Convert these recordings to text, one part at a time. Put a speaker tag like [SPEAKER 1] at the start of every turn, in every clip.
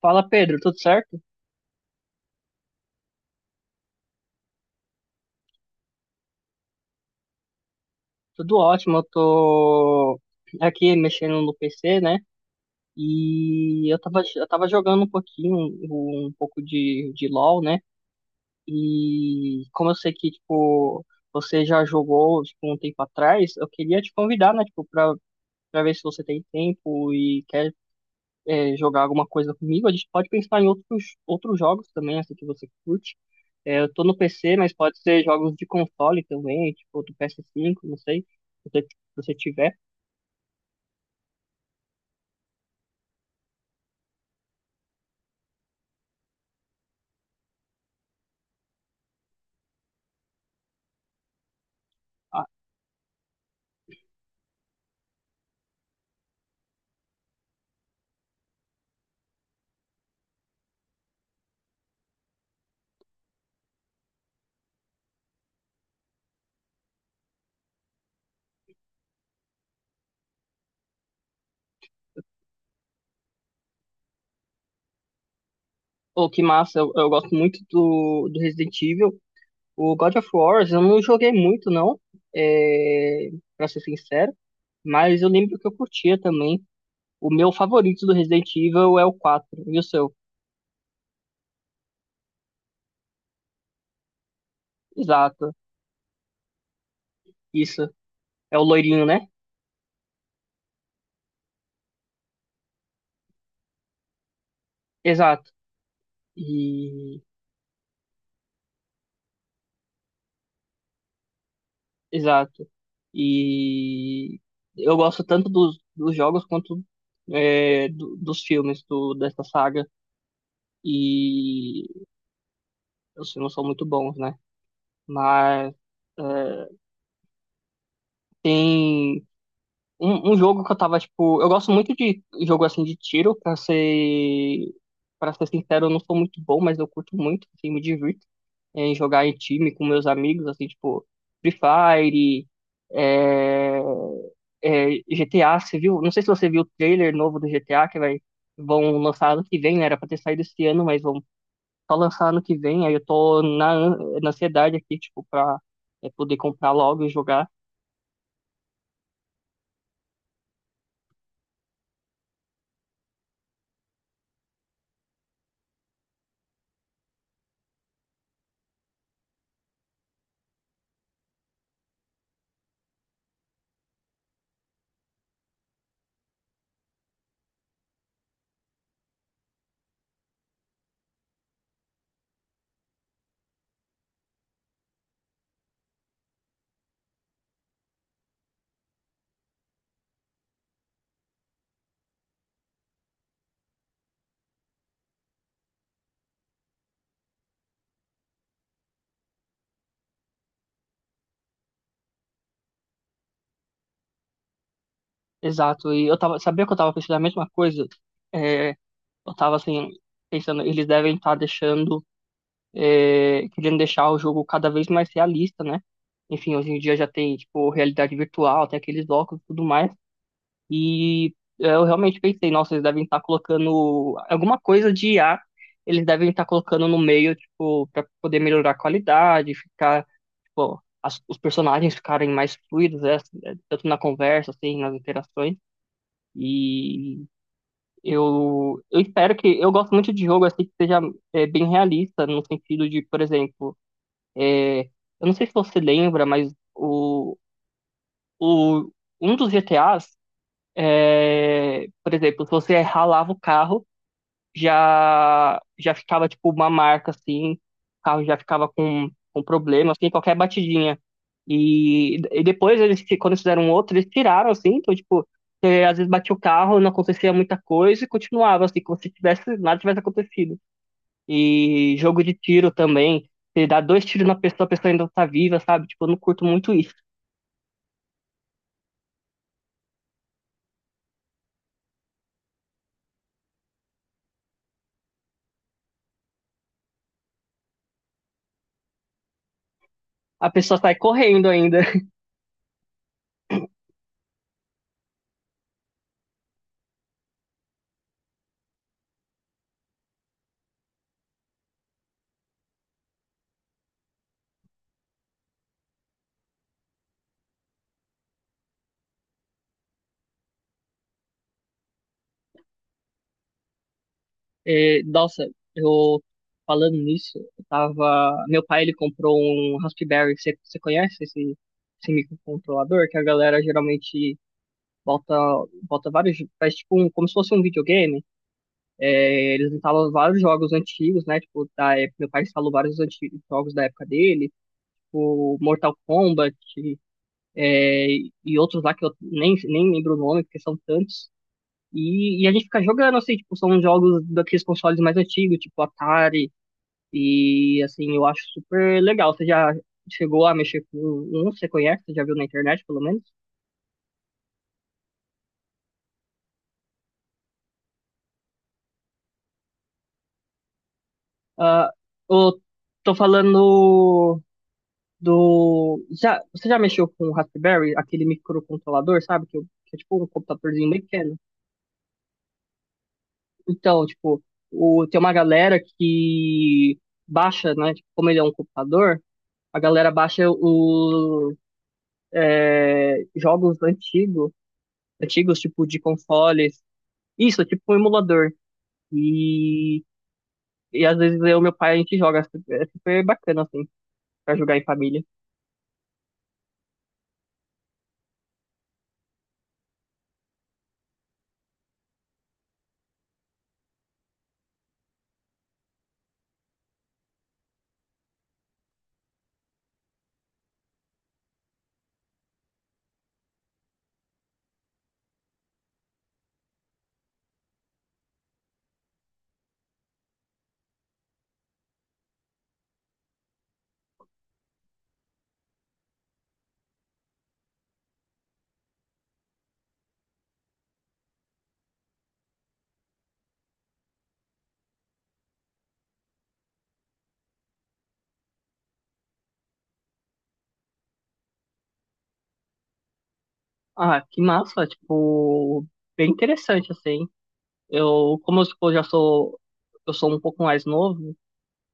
[SPEAKER 1] Fala, Pedro, tudo certo? Tudo ótimo, eu tô aqui mexendo no PC, né? E eu tava jogando um pouquinho, um pouco de LoL, né? E como eu sei que, tipo, você já jogou, tipo, um tempo atrás, eu queria te convidar, né? Tipo, pra ver se você tem tempo e quer jogar alguma coisa comigo. A gente pode pensar em outros, outros jogos também, assim, que você curte. É, eu tô no PC, mas pode ser jogos de console também, tipo do PS5, não sei, se você, se você tiver. Ah, oh, que massa, eu gosto muito do, do Resident Evil. O God of War, eu não joguei muito, não, é, pra ser sincero, mas eu lembro que eu curtia também. O meu favorito do Resident Evil é o quatro, e o seu? Exato, isso. É o loirinho, né? Exato. E exato. E eu gosto tanto dos, dos jogos quanto dos filmes do, dessa saga. E os filmes são muito bons, né? Mas é, tem um jogo que eu tava, tipo. Eu gosto muito de jogo assim de tiro, pra ser. Pra ser sincero, eu não sou muito bom, mas eu curto muito, assim, me divirto em jogar em time com meus amigos, assim, tipo, Free Fire. É, GTA, você viu? Não sei se você viu o trailer novo do GTA que vai vão lançar ano que vem, né? Era pra ter saído esse ano, mas vão só lançar ano que vem. Aí eu tô na, na ansiedade aqui, tipo, pra poder comprar logo e jogar. Exato. E eu tava, sabia que eu tava pensando a mesma coisa? É, eu tava assim, pensando, eles devem estar deixando, querendo deixar o jogo cada vez mais realista, né? Enfim, hoje em dia já tem, tipo, realidade virtual, tem aqueles óculos e tudo mais. E eu realmente pensei, nossa, eles devem estar colocando alguma coisa de IA eles devem estar colocando no meio, tipo, para poder melhorar a qualidade, ficar, tipo, os personagens ficarem mais fluidos, né, assim, tanto na conversa, assim, nas interações. E eu espero que. Eu gosto muito de jogo, assim, que seja bem realista, no sentido de, por exemplo, eu não sei se você lembra, mas o, um dos GTAs. É, por exemplo, se você ralava o carro, já já ficava tipo uma marca assim, o carro já ficava com problema, assim, qualquer batidinha. E depois eles, quando eles fizeram um outro, eles tiraram assim, então tipo, você, às vezes batia o carro, não acontecia muita coisa e continuava assim, como se tivesse nada tivesse acontecido. E jogo de tiro também, você dá dois tiros na pessoa, a pessoa ainda tá viva, sabe? Tipo, eu não curto muito isso. A pessoa sai correndo ainda. É, nossa, eu falando nisso, eu tava. Meu pai ele comprou um Raspberry. Você conhece esse, esse microcontrolador? Que a galera geralmente bota, bota vários. Faz tipo um, como se fosse um videogame. É, eles instalam vários jogos antigos, né? Tipo, da época, meu pai instalou vários antigos, jogos da época dele, o Mortal Kombat é, e outros lá que eu nem, nem lembro o nome, porque são tantos. E a gente fica jogando, assim, tipo, são jogos daqueles consoles mais antigos, tipo Atari. E assim, eu acho super legal. Você já chegou a mexer com um? Você conhece? Você já viu na internet, pelo menos? Ah, eu tô falando do. Já, você já mexeu com o Raspberry, aquele microcontrolador, sabe? Que é tipo um computadorzinho bem pequeno. Então, tipo, o, tem uma galera que baixa, né? Tipo, como ele é um computador, a galera baixa os jogos antigos, antigos, tipo, de consoles. Isso, é tipo um emulador. E, e às vezes eu e meu pai a gente joga, é super, é super bacana, assim, pra jogar em família. Ah, que massa, tipo, bem interessante, assim. Eu, como eu, tipo, já sou, eu sou um pouco mais novo,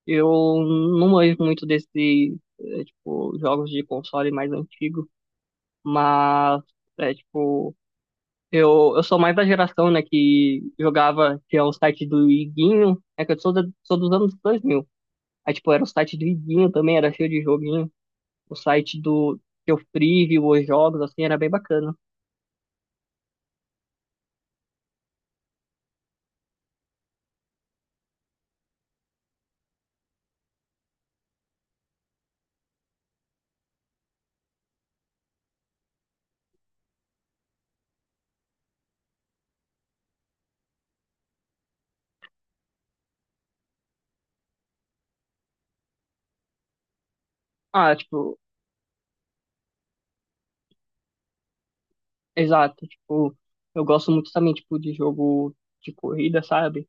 [SPEAKER 1] eu não manjo muito desse, é, tipo, jogos de console mais antigo, mas, é, tipo, eu sou mais da geração, né, que jogava, tinha o site do Iguinho. É que eu sou da, sou dos anos 2000. Aí, tipo, era o site do Iguinho também, era cheio de joguinho. O site do que eu preview os jogos, assim, era bem bacana. Ah, tipo, exato, tipo, eu gosto muito também, tipo, de jogo de corrida, sabe?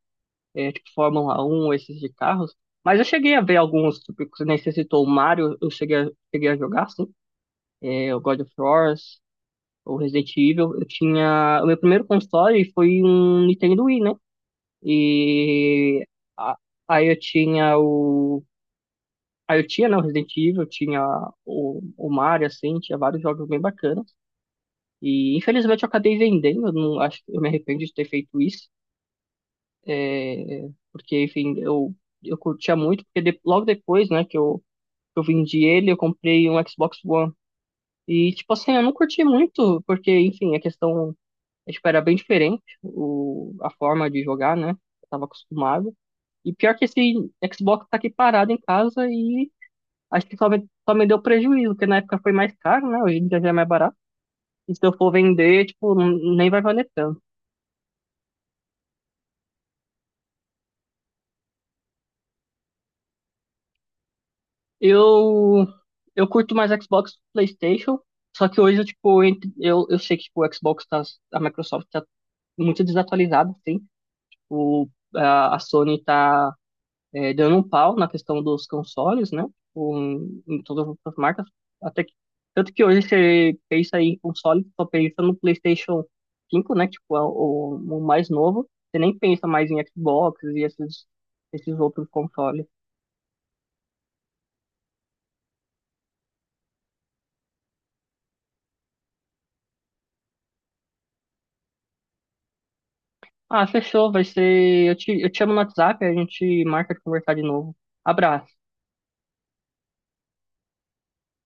[SPEAKER 1] É, tipo, Fórmula um, esses de carros. Mas eu cheguei a ver alguns, tipo, que você nem você citou o Mario, eu cheguei a, cheguei a jogar, sim. É, o God of War, o Resident Evil. Eu tinha... O meu primeiro console foi um Nintendo Wii, né? E... a- aí eu tinha o, aí eu tinha, né, o Resident Evil, tinha o Mario, assim, tinha vários jogos bem bacanas. E infelizmente eu acabei vendendo. Eu não, acho, eu me arrependo de ter feito isso, é, porque, enfim, eu curtia muito, porque logo depois, né, que que eu vendi ele, eu comprei um Xbox One. E, tipo assim, eu não curti muito, porque, enfim, a questão, é, tipo, era bem diferente, o, a forma de jogar, né, eu tava acostumado. E pior que esse Xbox tá aqui parado em casa e acho que só me deu prejuízo, porque na época foi mais caro, né? Hoje em dia já é mais barato. E se eu for vender, tipo, nem vai valer tanto. Eu, eu curto mais Xbox, PlayStation, só que hoje, tipo, eu sei que tipo, o Xbox tá, a Microsoft tá muito desatualizada, assim. O, a Sony tá dando um pau na questão dos consoles, né? Tipo, em, em todas as marcas. Até que, tanto que hoje você pensa em console, só pensa no PlayStation 5, né? Tipo, é o mais novo. Você nem pensa mais em Xbox e esses, esses outros consoles. Ah, fechou, vai ser. Eu te chamo no WhatsApp, a gente marca de conversar de novo. Abraço.